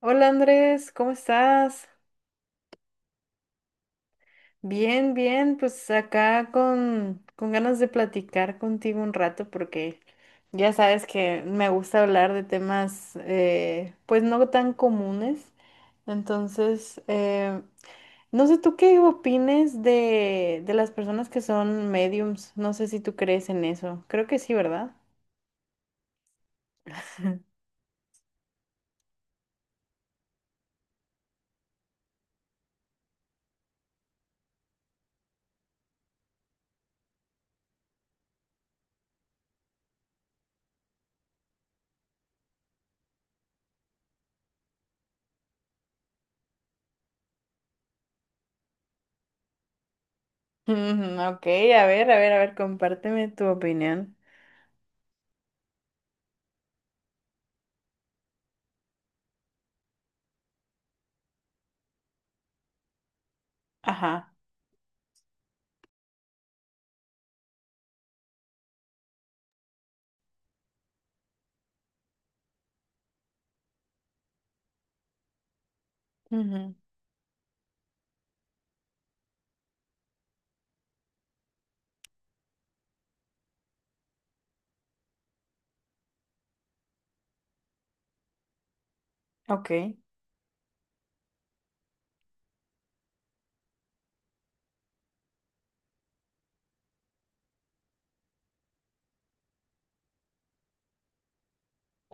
Hola Andrés, ¿cómo estás? Bien, bien, pues acá con ganas de platicar contigo un rato porque ya sabes que me gusta hablar de temas pues no tan comunes. Entonces, eh, no sé tú qué opines de las personas que son mediums. No sé si tú crees en eso. Creo que sí, ¿verdad? Ujú. Ok, a ver, a ver, a ver, compárteme tu opinión. Ajá. Ujú. Ok.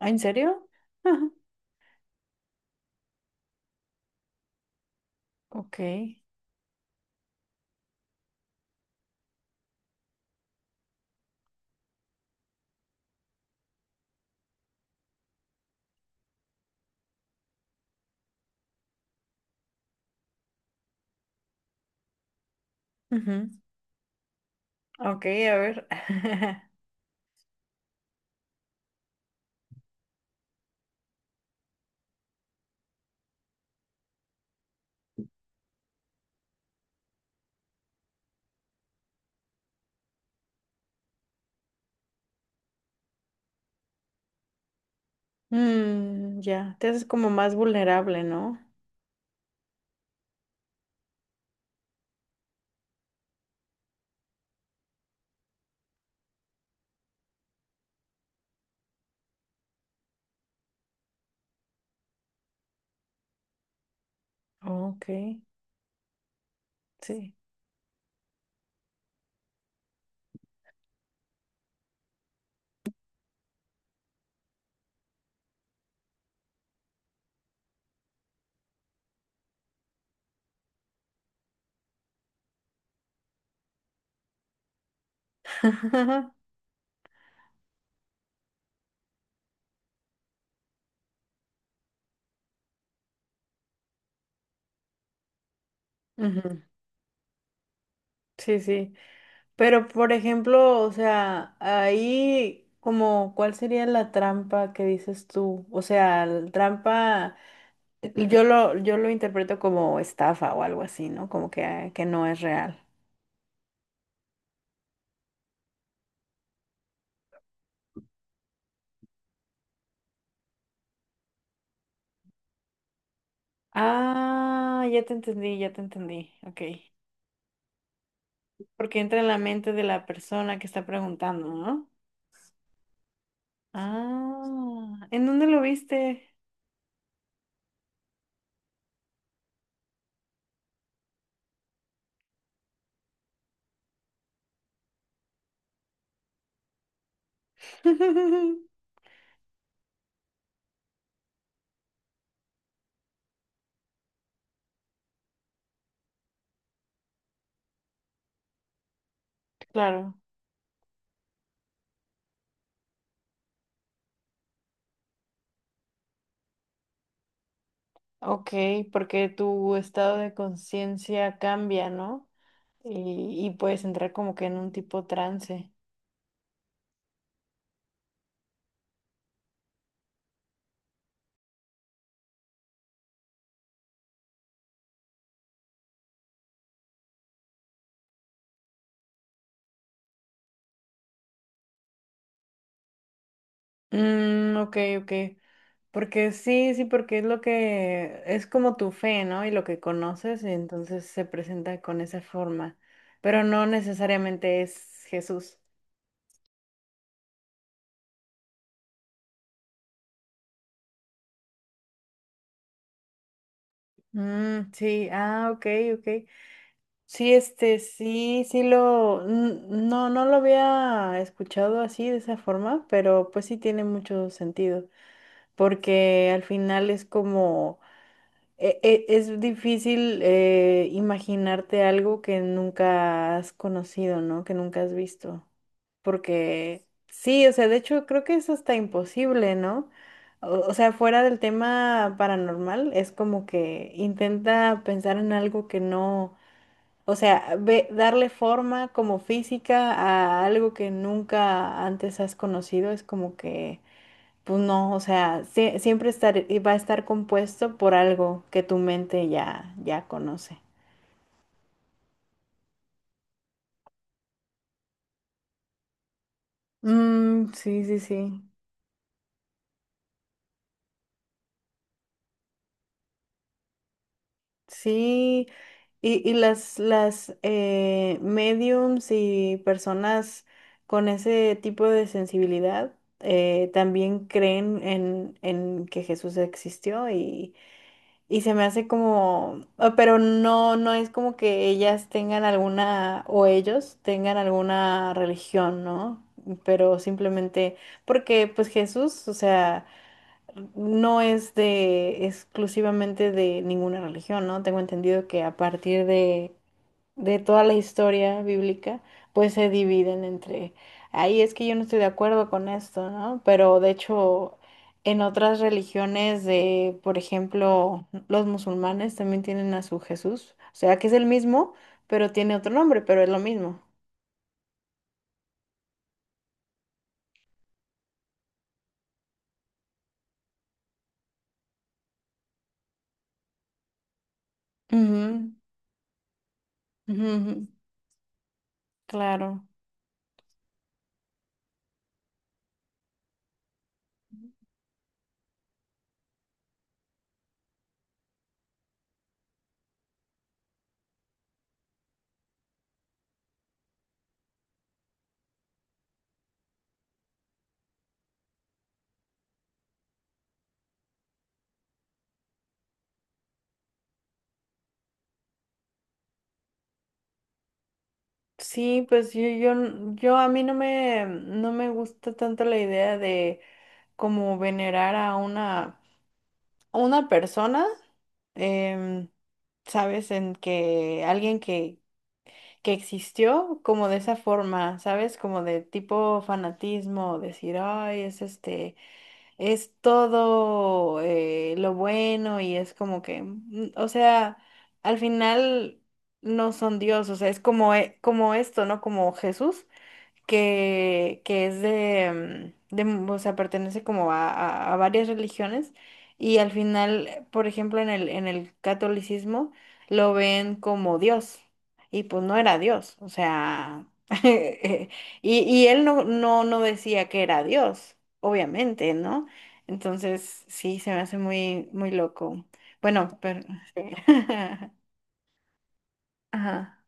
Ah, ¿en serio? Ok. Ujú. Ok, a ver. Mm, ya, te haces como más vulnerable, ¿no? Ok, sí. Ujú. Sí, sí. Pero, por ejemplo, o sea, ahí como, ¿cuál sería la trampa que dices tú? O sea, la trampa, yo lo interpreto como estafa o algo así, ¿no? Como que no es real. Ah, ya te entendí, ya te entendí. Ok. Porque entra en la mente de la persona que está preguntando, ¿no? Ah, ¿en dónde lo viste? Claro, ok, porque tu estado de conciencia cambia, ¿no? Y puedes entrar como que en un tipo trance. Mm, ok, ok. Porque sí, sí, porque es lo que es como tu fe, ¿no? Y lo que conoces, y entonces se presenta con esa forma. Pero no necesariamente es Jesús. Mm, sí, ah, ok, ok. Sí, este, sí, sí lo, n- no, no lo había escuchado así de esa forma, pero pues sí tiene mucho sentido, porque al final es como, es difícil imaginarte algo que nunca has conocido, ¿no? Que nunca has visto, porque sí, o sea, de hecho creo que es hasta imposible, ¿no? O sea, fuera del tema paranormal, es como que intenta pensar en algo que no, o sea, darle forma como física a algo que nunca antes has conocido es como que, pues no, o sea, siempre estar, y va a estar compuesto por algo que tu mente ya conoce. Mm, sí, sí, sí. Sí, y las mediums y personas con ese tipo de sensibilidad también creen en que Jesús existió. Y se me hace como, ah, pero no, no es como que ellas tengan alguna, o ellos tengan alguna religión, ¿no? Pero simplemente, porque pues Jesús, o sea, no es de exclusivamente de ninguna religión, ¿no? Tengo entendido que a partir de toda la historia bíblica, pues se dividen entre, ahí es que yo no estoy de acuerdo con esto, ¿no? Pero de hecho, en otras religiones de, por ejemplo, los musulmanes también tienen a su Jesús, o sea, que es el mismo, pero tiene otro nombre, pero es lo mismo. Ujú, ujú, ujú. Claro. Sí, pues yo a mí no me, no me gusta tanto la idea de como venerar a una persona, em, ¿sabes? En que alguien que existió como de esa forma, ¿sabes? Como de tipo fanatismo, decir, ay, es este, es todo lo bueno y es como que, mm, o sea, al final no son Dios, o sea, es como, como esto, ¿no? Como Jesús que es de, mm, o sea, pertenece como a, a varias religiones y al final, por ejemplo, en el catolicismo lo ven como Dios y pues no era Dios, o sea, y, y él no, no, no decía que era Dios, obviamente, ¿no? Entonces, sí, se me hace muy, muy loco. Bueno, pero... sí. Ajá.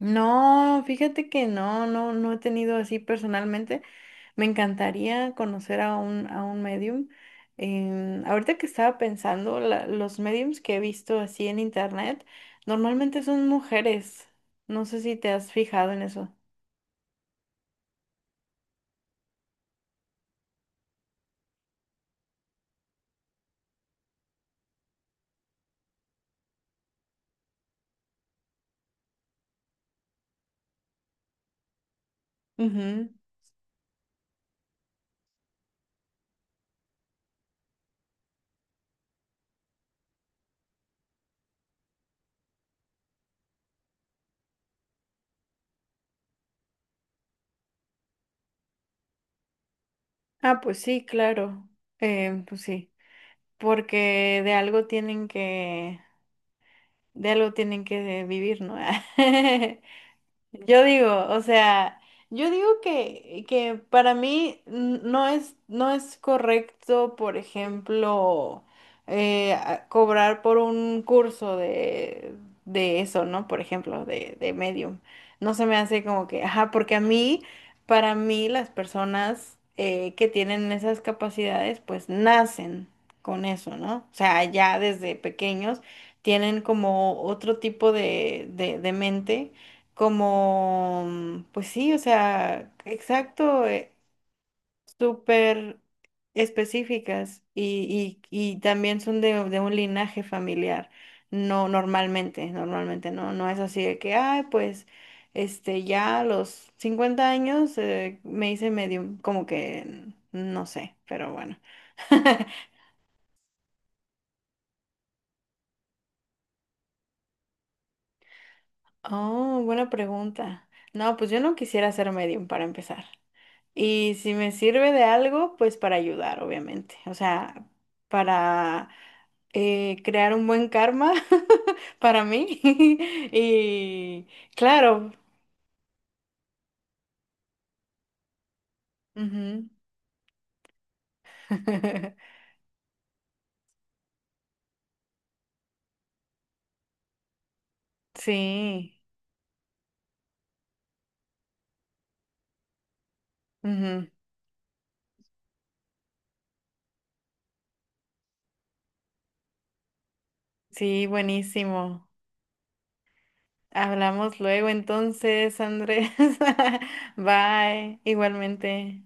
No, fíjate que no, no, no he tenido así personalmente. Me encantaría conocer a un medium. Em, ahorita que estaba pensando, los mediums que he visto así en internet normalmente son mujeres. No sé si te has fijado en eso. Ujú. Ah, pues sí, claro. Em, pues sí, porque de algo tienen que vivir, ¿no? Yo digo, o sea, yo digo que para mí no es, no es correcto, por ejemplo, cobrar por un curso de eso, ¿no? Por ejemplo, de Medium. No se me hace como que, ajá, porque a mí, para mí, las personas que tienen esas capacidades, pues nacen con eso, ¿no? O sea, ya desde pequeños tienen como otro tipo de mente como, mm, pues sí, o sea, exacto, súper específicas y también son de un linaje familiar. No, normalmente, normalmente no, no es así de que, ay, pues, este, ya a los 50 años me hice medio, como que, mm, no sé, pero bueno. Oh, buena pregunta. No, pues yo no quisiera ser medium para empezar. Y si me sirve de algo, pues para ayudar, obviamente. O sea, para crear un buen karma para mí. Y claro. Ujú. Sí. Ujú. Sí, buenísimo. Hablamos luego entonces, Andrés. Bye. Igualmente.